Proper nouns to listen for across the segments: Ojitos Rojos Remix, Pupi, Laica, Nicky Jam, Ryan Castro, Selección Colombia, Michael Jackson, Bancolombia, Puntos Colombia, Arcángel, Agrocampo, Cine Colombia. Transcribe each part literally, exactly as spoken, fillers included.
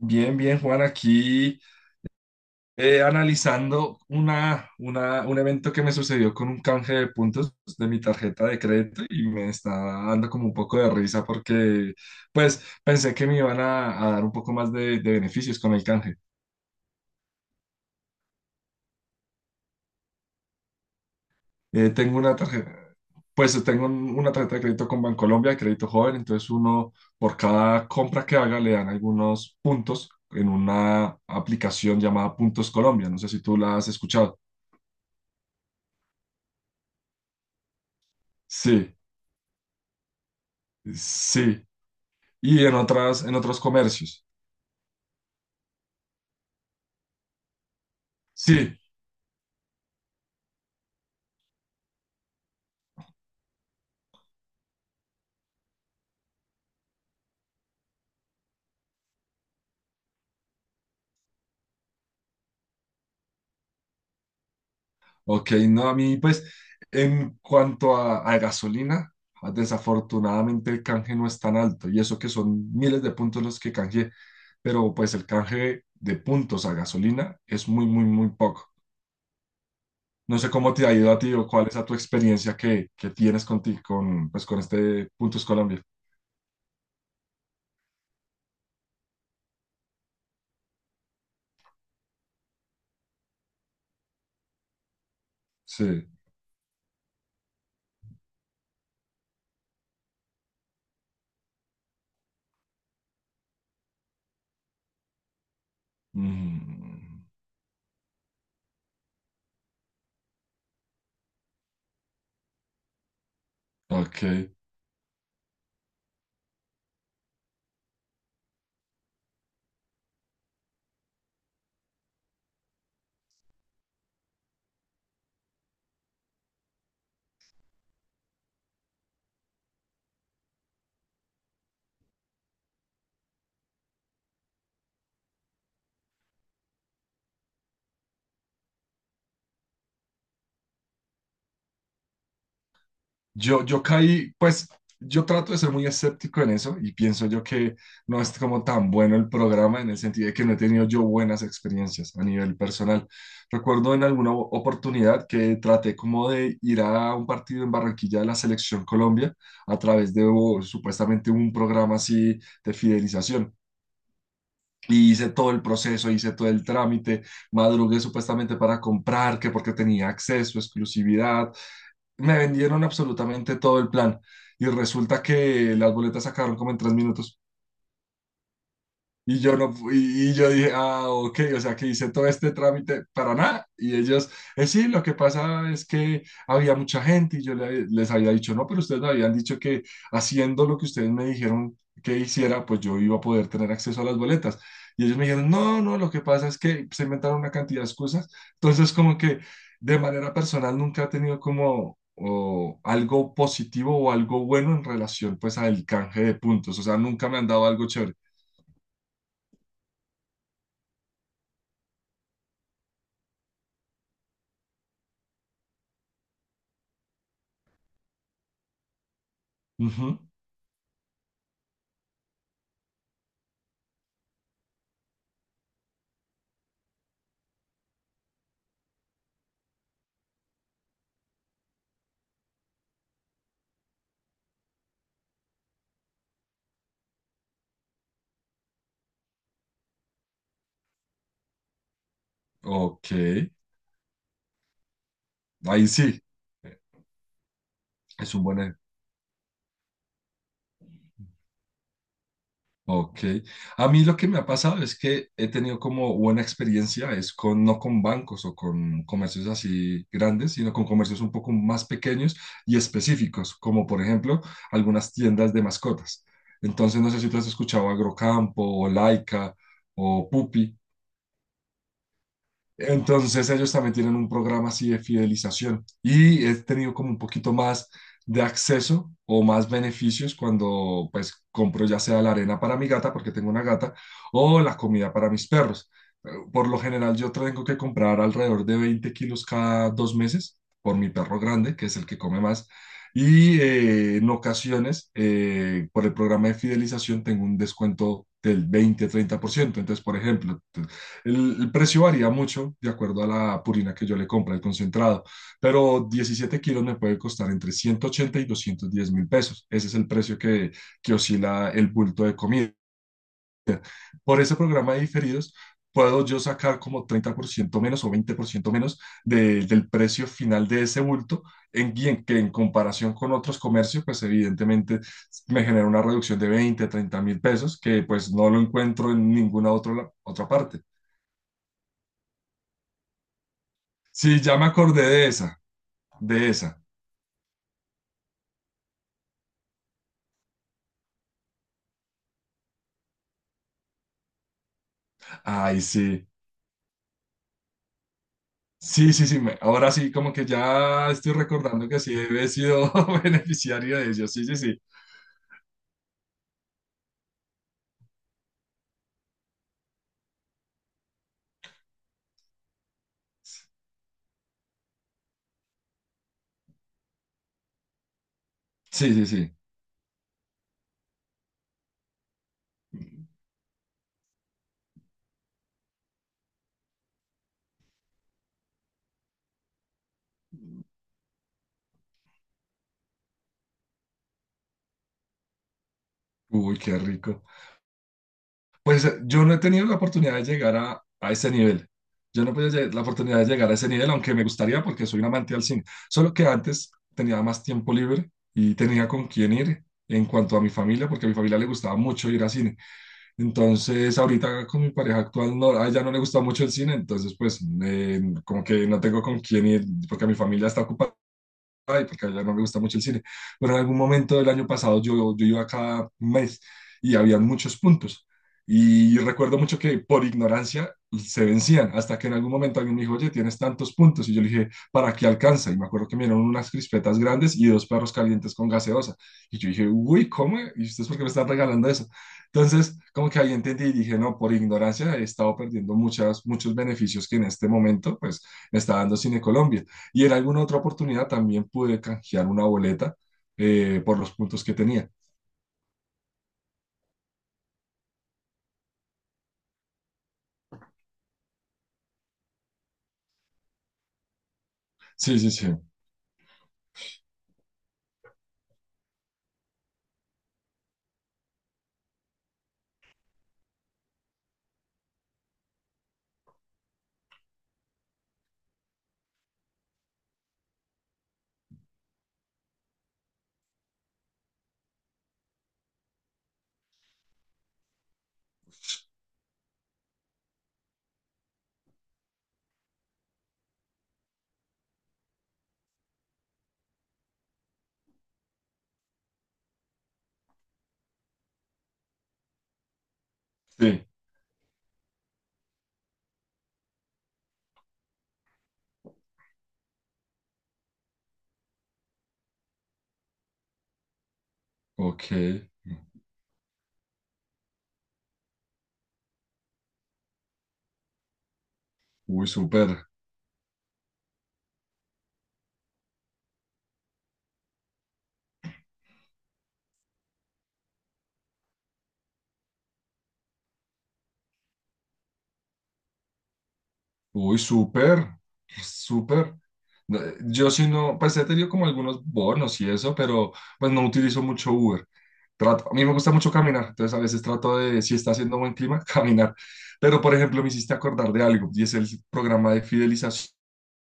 Bien, bien, Juan, aquí eh, analizando una, una, un evento que me sucedió con un canje de puntos de mi tarjeta de crédito y me está dando como un poco de risa porque pues pensé que me iban a, a dar un poco más de, de beneficios con el canje. Eh, tengo una tarjeta, pues tengo un- una tarjeta de crédito con Bancolombia, de crédito joven, entonces uno por cada compra que haga le dan algunos puntos en una aplicación llamada Puntos Colombia. No sé si tú la has escuchado. Sí. Sí, y en otras, en otros comercios. Sí, ok, no, a mí pues en cuanto a, a gasolina, desafortunadamente el canje no es tan alto y eso que son miles de puntos los que canjeé, pero pues el canje de puntos a gasolina es muy, muy, muy poco. No sé cómo te ha ido a ti o cuál es a tu experiencia que, que tienes con, ti, con, pues, con este Puntos Colombia. Sí. Mm, ok. Yo, yo caí, pues yo trato de ser muy escéptico en eso y pienso yo que no es como tan bueno el programa en el sentido de que no he tenido yo buenas experiencias a nivel personal. Recuerdo en alguna o- oportunidad que traté como de ir a un partido en Barranquilla de la Selección Colombia a través de, o, supuestamente, un programa así de fidelización. Y hice todo el proceso, hice todo el trámite, madrugué supuestamente para comprar, que porque tenía acceso, exclusividad, me vendieron absolutamente todo el plan y resulta que las boletas sacaron como en tres minutos. Y yo no, pu- y, y yo dije: ah, ok, o sea que hice todo este trámite para nada. Y ellos: "Eh, sí, lo que pasa es que había mucha gente. Y yo le- les había dicho: no, pero ustedes me habían dicho que haciendo lo que ustedes me dijeron que hiciera, pues yo iba a poder tener acceso a las boletas. Y ellos me dijeron no, no, lo que pasa es que se inventaron una cantidad de excusas. Entonces, como que de manera personal nunca he tenido como o algo positivo o algo bueno en relación pues al canje de puntos. O sea, nunca me han dado algo chévere. Ujú. Ok, ahí sí, es un buen... ej- ok, a mí lo que me ha pasado es que he tenido como buena experiencia, es con, no con bancos o con comercios así grandes, sino con comercios un poco más pequeños y específicos, como por ejemplo algunas tiendas de mascotas. Entonces, no sé si tú has escuchado Agrocampo o Laica o Pupi. Entonces ellos también tienen un programa así de fidelización y he tenido como un poquito más de acceso o más beneficios cuando pues compro ya sea la arena para mi gata porque tengo una gata o la comida para mis perros. Eh, Por lo general yo tengo que comprar alrededor de veinte kilos cada dos meses por mi perro grande, que es el que come más. Y eh, en ocasiones, eh, por el programa de fidelización, tengo un descuento del veinte treinta por ciento. Entonces, por ejemplo, el, el precio varía mucho de acuerdo a la purina que yo le compre, el concentrado, pero diecisiete kilos me puede costar entre ciento ochenta y doscientos diez mil pesos. Ese es el precio que, que oscila el bulto de comida. Por ese programa de diferidos, puedo yo sacar como treinta por ciento menos o veinte por ciento menos de- del precio final de ese bulto, en, y en que en comparación con otros comercios, pues evidentemente me genera una reducción de veinte, treinta mil pesos, que pues no lo encuentro en ninguna otra, otra parte. Sí, ya me acordé de esa, de esa. Ay, sí. Sí, sí, sí. me- ahora sí, como que ya estoy recordando que sí he sido beneficiario de ellos. Sí, sí, sí. Sí, sí, sí. Uy, qué rico. Pues eh, yo no he tenido la oportunidad de llegar a, a ese nivel. Yo no he tenido la oportunidad de llegar a ese nivel, aunque me gustaría porque soy un amante del cine. Solo que antes tenía más tiempo libre y tenía con quién ir en cuanto a mi familia, porque a mi familia le gustaba mucho ir al cine. Entonces, ahorita con mi pareja actual, no, a ella no le gusta mucho el cine, entonces pues eh, como que no tengo con quién ir porque mi familia está ocupada y porque ya no me gusta mucho el cine, pero en algún momento del año pasado yo, yo iba cada mes y había muchos puntos. Y recuerdo mucho que por ignorancia se vencían, hasta que en algún momento alguien me dijo: oye, tienes tantos puntos. Y yo le dije: ¿para qué alcanza? Y me acuerdo que me dieron unas crispetas grandes y dos perros calientes con gaseosa. Y yo dije: uy, ¿cómo? ¿Y ustedes por qué me están regalando eso? Entonces, como que ahí entendí y dije no, por ignorancia he estado perdiendo muchas, muchos beneficios que en este momento, pues, me está dando Cine Colombia. Y en alguna otra oportunidad también pude canjear una boleta eh, por los puntos que tenía. Sí, sí, sí. Sí, ok. Uy, súper. Uy, súper, súper. No, eh, yo sí no, pues he tenido como algunos bonos y eso, pero pues no utilizo mucho Uber. Trato, a mí me gusta mucho caminar, entonces a veces trato de, si está haciendo buen clima, caminar. Pero por ejemplo, me hiciste acordar de algo y es el programa de fidelización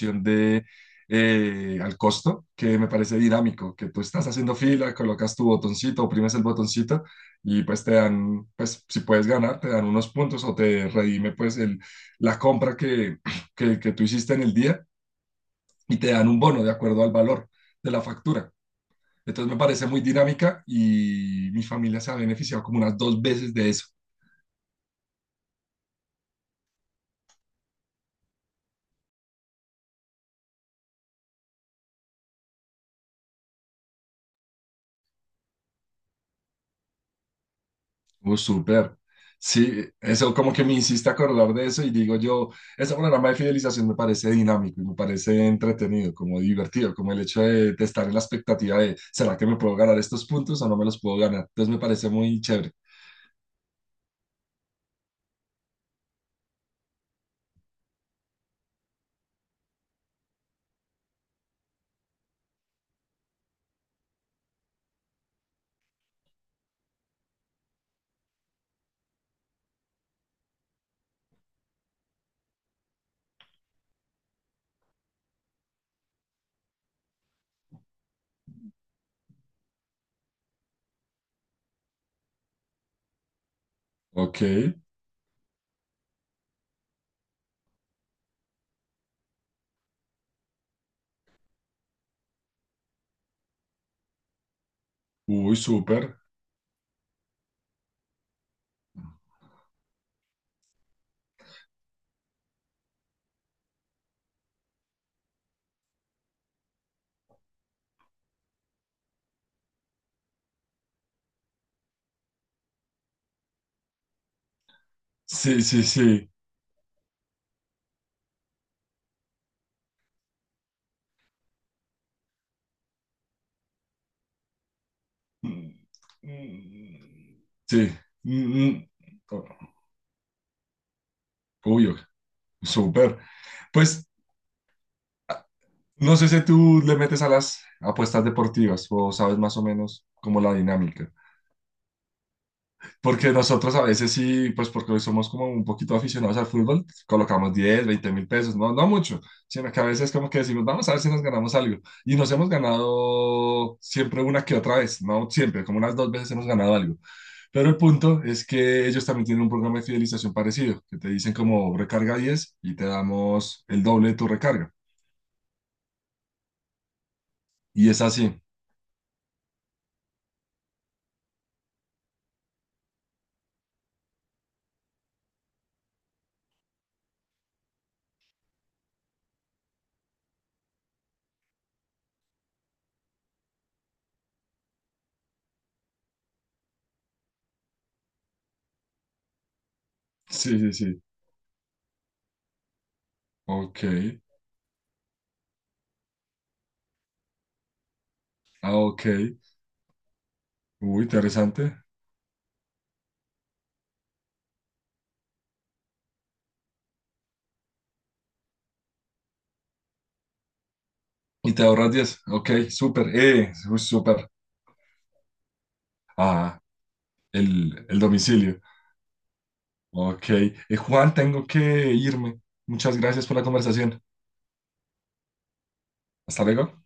de eh, Al Costo, que me parece dinámico, que tú estás haciendo fila, colocas tu botoncito, oprimes el botoncito y pues te dan, pues si puedes ganar, te dan unos puntos o te redime pues la compra que, que, que tú hiciste en el día y te dan un bono de acuerdo al valor de la factura. Entonces me parece muy dinámica y mi familia se ha beneficiado como unas dos veces de eso. Uh, súper. Sí, eso como que me insiste a acordar de eso y digo yo, ese programa de fidelización me parece dinámico y me parece entretenido, como divertido, como el hecho de, de estar en la expectativa de: ¿será que me puedo ganar estos puntos o no me los puedo ganar? Entonces me parece muy chévere. Ok, uy, súper. Sí, sí, sí. Mm, mm, sí, mm, mm, o- obvio, súper. Pues no sé si tú le metes a las apuestas deportivas o sabes más o menos como la dinámica. Porque nosotros a veces sí, pues porque hoy somos como un poquito aficionados al fútbol, colocamos diez, veinte mil pesos, no, no mucho, sino que a veces como que decimos: vamos a ver si nos ganamos algo. Y nos hemos ganado siempre una que otra vez, no siempre, como unas dos veces hemos ganado algo. Pero el punto es que ellos también tienen un programa de fidelización parecido, que te dicen como recarga diez y te damos el doble de tu recarga. Y es así. Sí, sí, sí. Ok. Ah, ok. Uy, interesante. Y te ahorras diez. Ok, súper. Eh, uy, súper. Ah, el, el domicilio. Ok. Eh, Juan, tengo que irme. Muchas gracias por la conversación. Hasta luego.